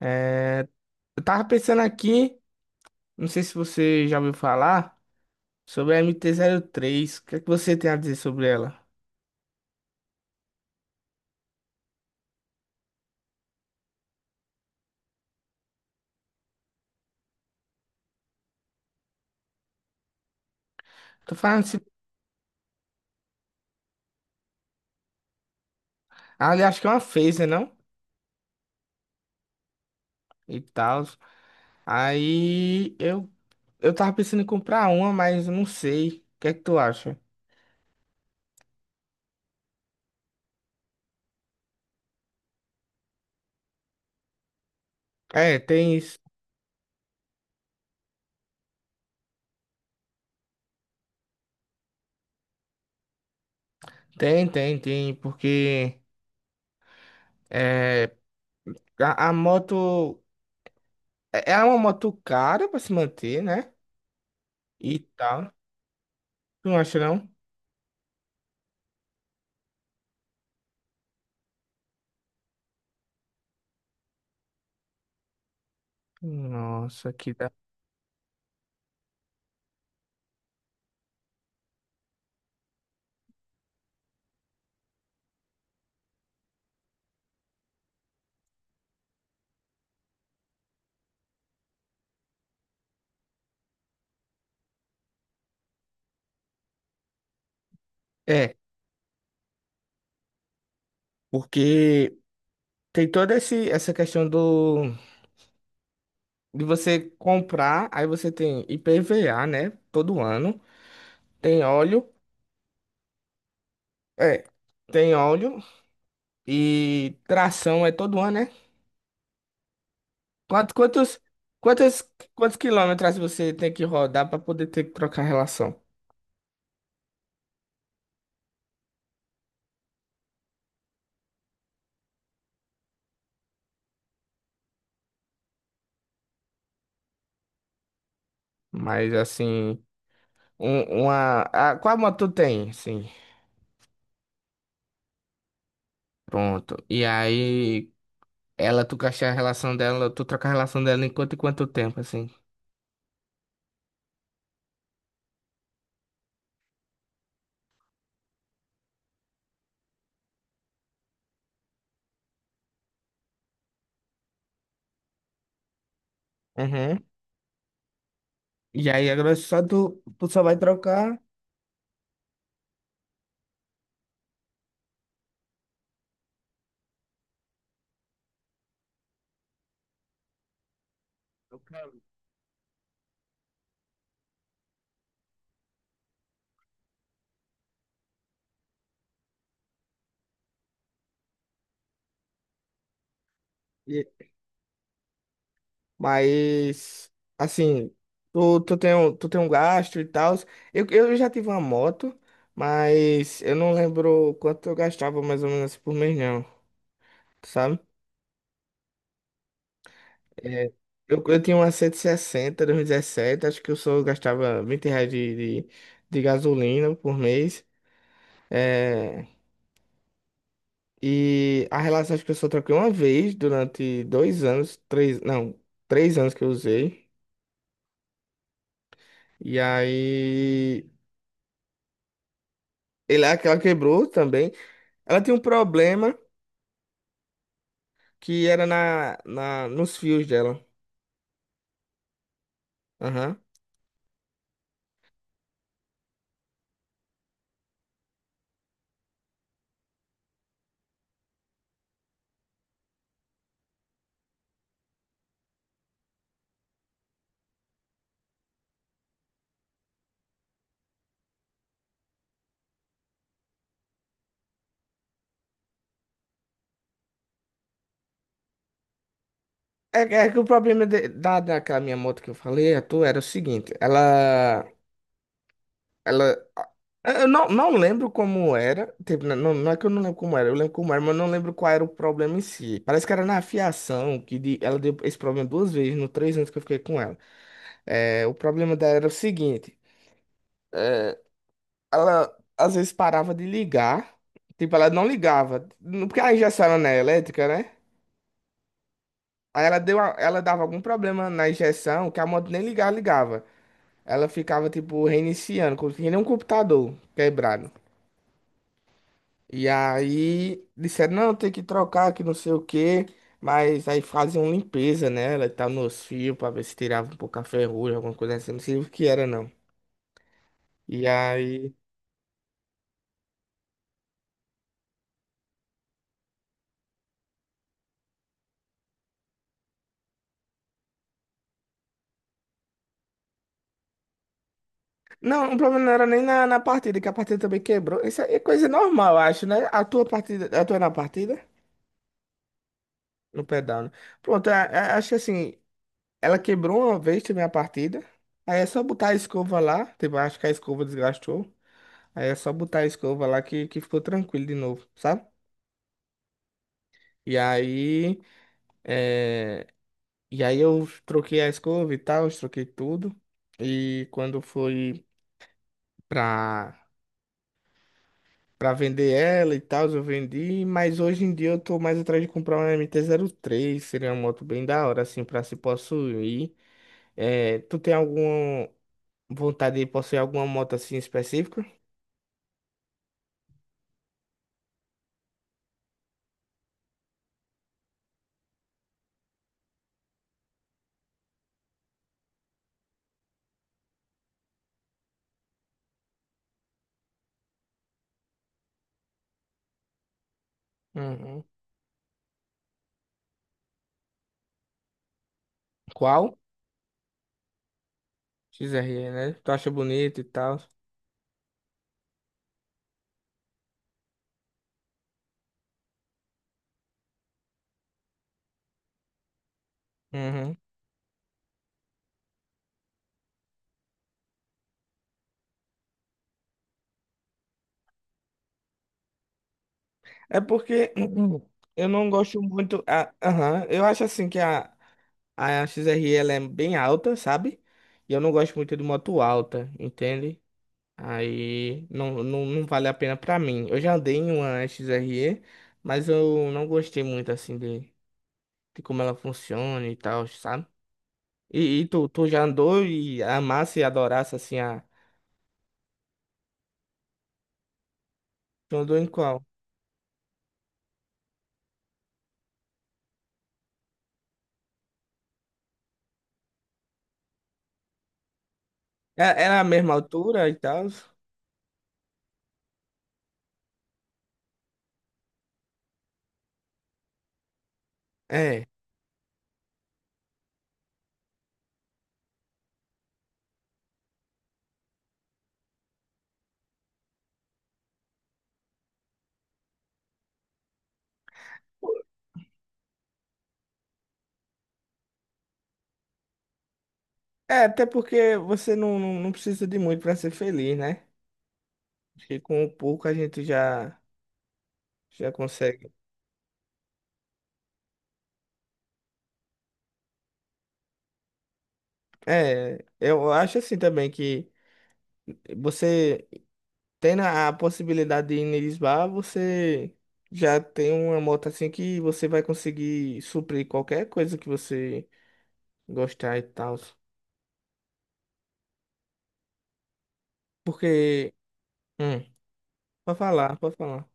É, eu tava pensando aqui, não sei se você já ouviu falar, sobre a MT-03. O que é que você tem a dizer sobre ela? Tô falando se... Ah, eu acho que é uma phaser, não? E tal. Aí eu tava pensando em comprar uma, mas eu não sei. O que é que tu acha? É, tem isso. Tem, porque é, a moto é uma moto cara pra se manter, né? E tal. Tu não acha não? Nossa, que da. É, porque tem toda essa questão de você comprar, aí você tem IPVA, né? Todo ano. Tem óleo, é, tem óleo e tração é todo ano, né? Quantos, quantos, quantos, quantos quilômetros você tem que rodar para poder ter que trocar a relação? Mas assim, qual moto tu tem? Sim, pronto. E aí, tu gastar a relação dela, tu troca a relação dela em quanto e quanto tempo, assim? Uhum. E aí agora é só tu só vai trocar, e- mas assim, tu tem um gasto e tal. Eu já tive uma moto, mas eu não lembro quanto eu gastava mais ou menos por mês não, sabe? É, eu tinha uma 160 2017. Acho que eu só gastava R$ 20 de gasolina por mês. É, e a relação acho que eu só troquei uma vez durante 2 anos, três, não, 3 anos que eu usei. E aí, é aquela quebrou também. Ela tinha um problema que era nos fios dela. Aham. É que o problema daquela minha moto que eu falei, a tua, era o seguinte. Ela, eu não lembro como era. Tipo, não é que eu não lembro como era, eu lembro como era, mas eu não lembro qual era o problema em si. Parece que era na fiação, ela deu esse problema 2 vezes, no 3 anos que eu fiquei com ela. É, o problema dela era o seguinte. Ela às vezes parava de ligar. Tipo, ela não ligava. Porque a injeção era, né, elétrica, né? Aí ela dava algum problema na injeção que a moto nem ligava. Ela ficava, tipo, reiniciando, como se nem um computador quebrado. E aí disseram, não, tem que trocar, que não sei o quê. Mas aí faziam limpeza nela e tal, nos fios, pra ver se tirava um pouco a ferrugem, alguma coisa assim. Não sei o que era, não. E aí. Não, o problema não era nem na partida, que a partida também quebrou. Isso é coisa normal, eu acho, né? A tua é na partida? No pedal, né? Pronto, acho que assim, ela quebrou uma vez também a partida. Aí é só botar a escova lá. Tipo, acho que a escova desgastou. Aí é só botar a escova lá que ficou tranquilo de novo, sabe? E aí, é, e aí, eu troquei a escova e tal, eu troquei tudo. E quando foi pra pra vender ela e tal, eu vendi, mas hoje em dia eu tô mais atrás de comprar uma MT-03. Seria uma moto bem da hora, assim, pra se possuir. É, tu tem alguma vontade de possuir alguma moto assim específica? Uhum. Qual? XRE, né? Tu acha bonito e tal? Uhum. É porque eu não gosto muito. Aham. Eu acho assim que A XRE ela é bem alta, sabe? E eu não gosto muito de moto alta, entende? Aí não vale a pena pra mim. Eu já andei em uma XRE, mas eu não gostei muito assim de como ela funciona e tal, sabe? E tu já andou e amasse e adorasse assim a. Tu andou em qual? Era a mesma altura e tal? É. É, até porque você não precisa de muito pra ser feliz, né? Acho que com pouco a gente já consegue. É, eu acho assim também que você tendo a possibilidade de ir em Lisboa, você já tem uma moto assim que você vai conseguir suprir qualquer coisa que você gostar e tal. Porque, hum, pode falar, pode falar.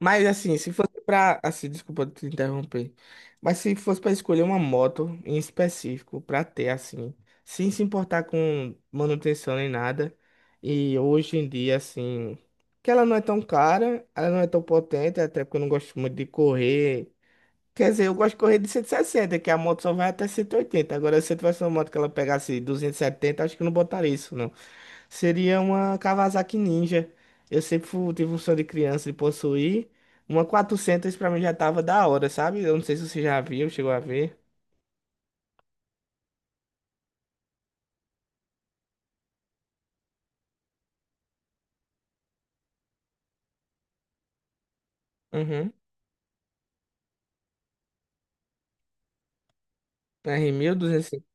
Mas assim, se fosse pra. Assim, desculpa te interromper. Mas se fosse pra escolher uma moto em específico pra ter, assim, sem se importar com manutenção nem nada. E hoje em dia, assim, que ela não é tão cara, ela não é tão potente, até porque eu não gosto muito de correr. Quer dizer, eu gosto de correr de 160, que a moto só vai até 180. Agora, se eu tivesse uma moto que ela pegasse 270, acho que eu não botaria isso. Seria uma Kawasaki Ninja. Eu sempre tive um sonho de criança de possuir. Uma 400 pra mim já tava da hora, sabe? Eu não sei se você já viu, chegou a ver. Uhum. R1250.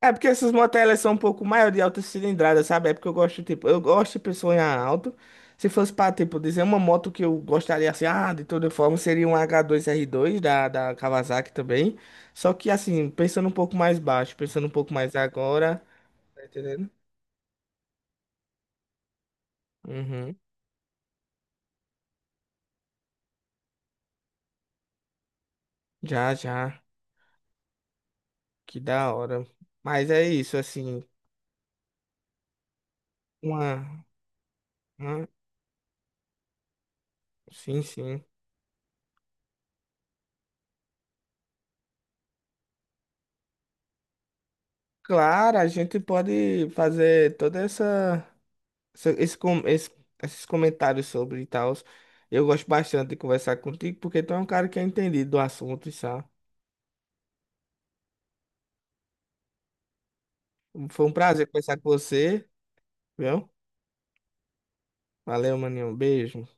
É porque essas motos elas são um pouco maior de alta cilindrada, sabe? É porque eu gosto, tipo, eu gosto de pessoa em alto. Se fosse pra, tipo, dizer uma moto que eu gostaria, assim, de toda forma, seria um H2R2 da Kawasaki também. Só que, assim, pensando um pouco mais baixo, pensando um pouco mais agora. Tá entendendo? Uhum. Já, já. Que da hora. Mas é isso, assim, uma, uma- sim, sim. Claro, a gente pode fazer toda essa- esse, com- esse- esses comentários sobre e tal. Eu gosto bastante de conversar contigo, porque tu é um cara que é entendido do assunto, sabe? Foi um prazer conversar com você, viu? Valeu, maninho. Um beijo.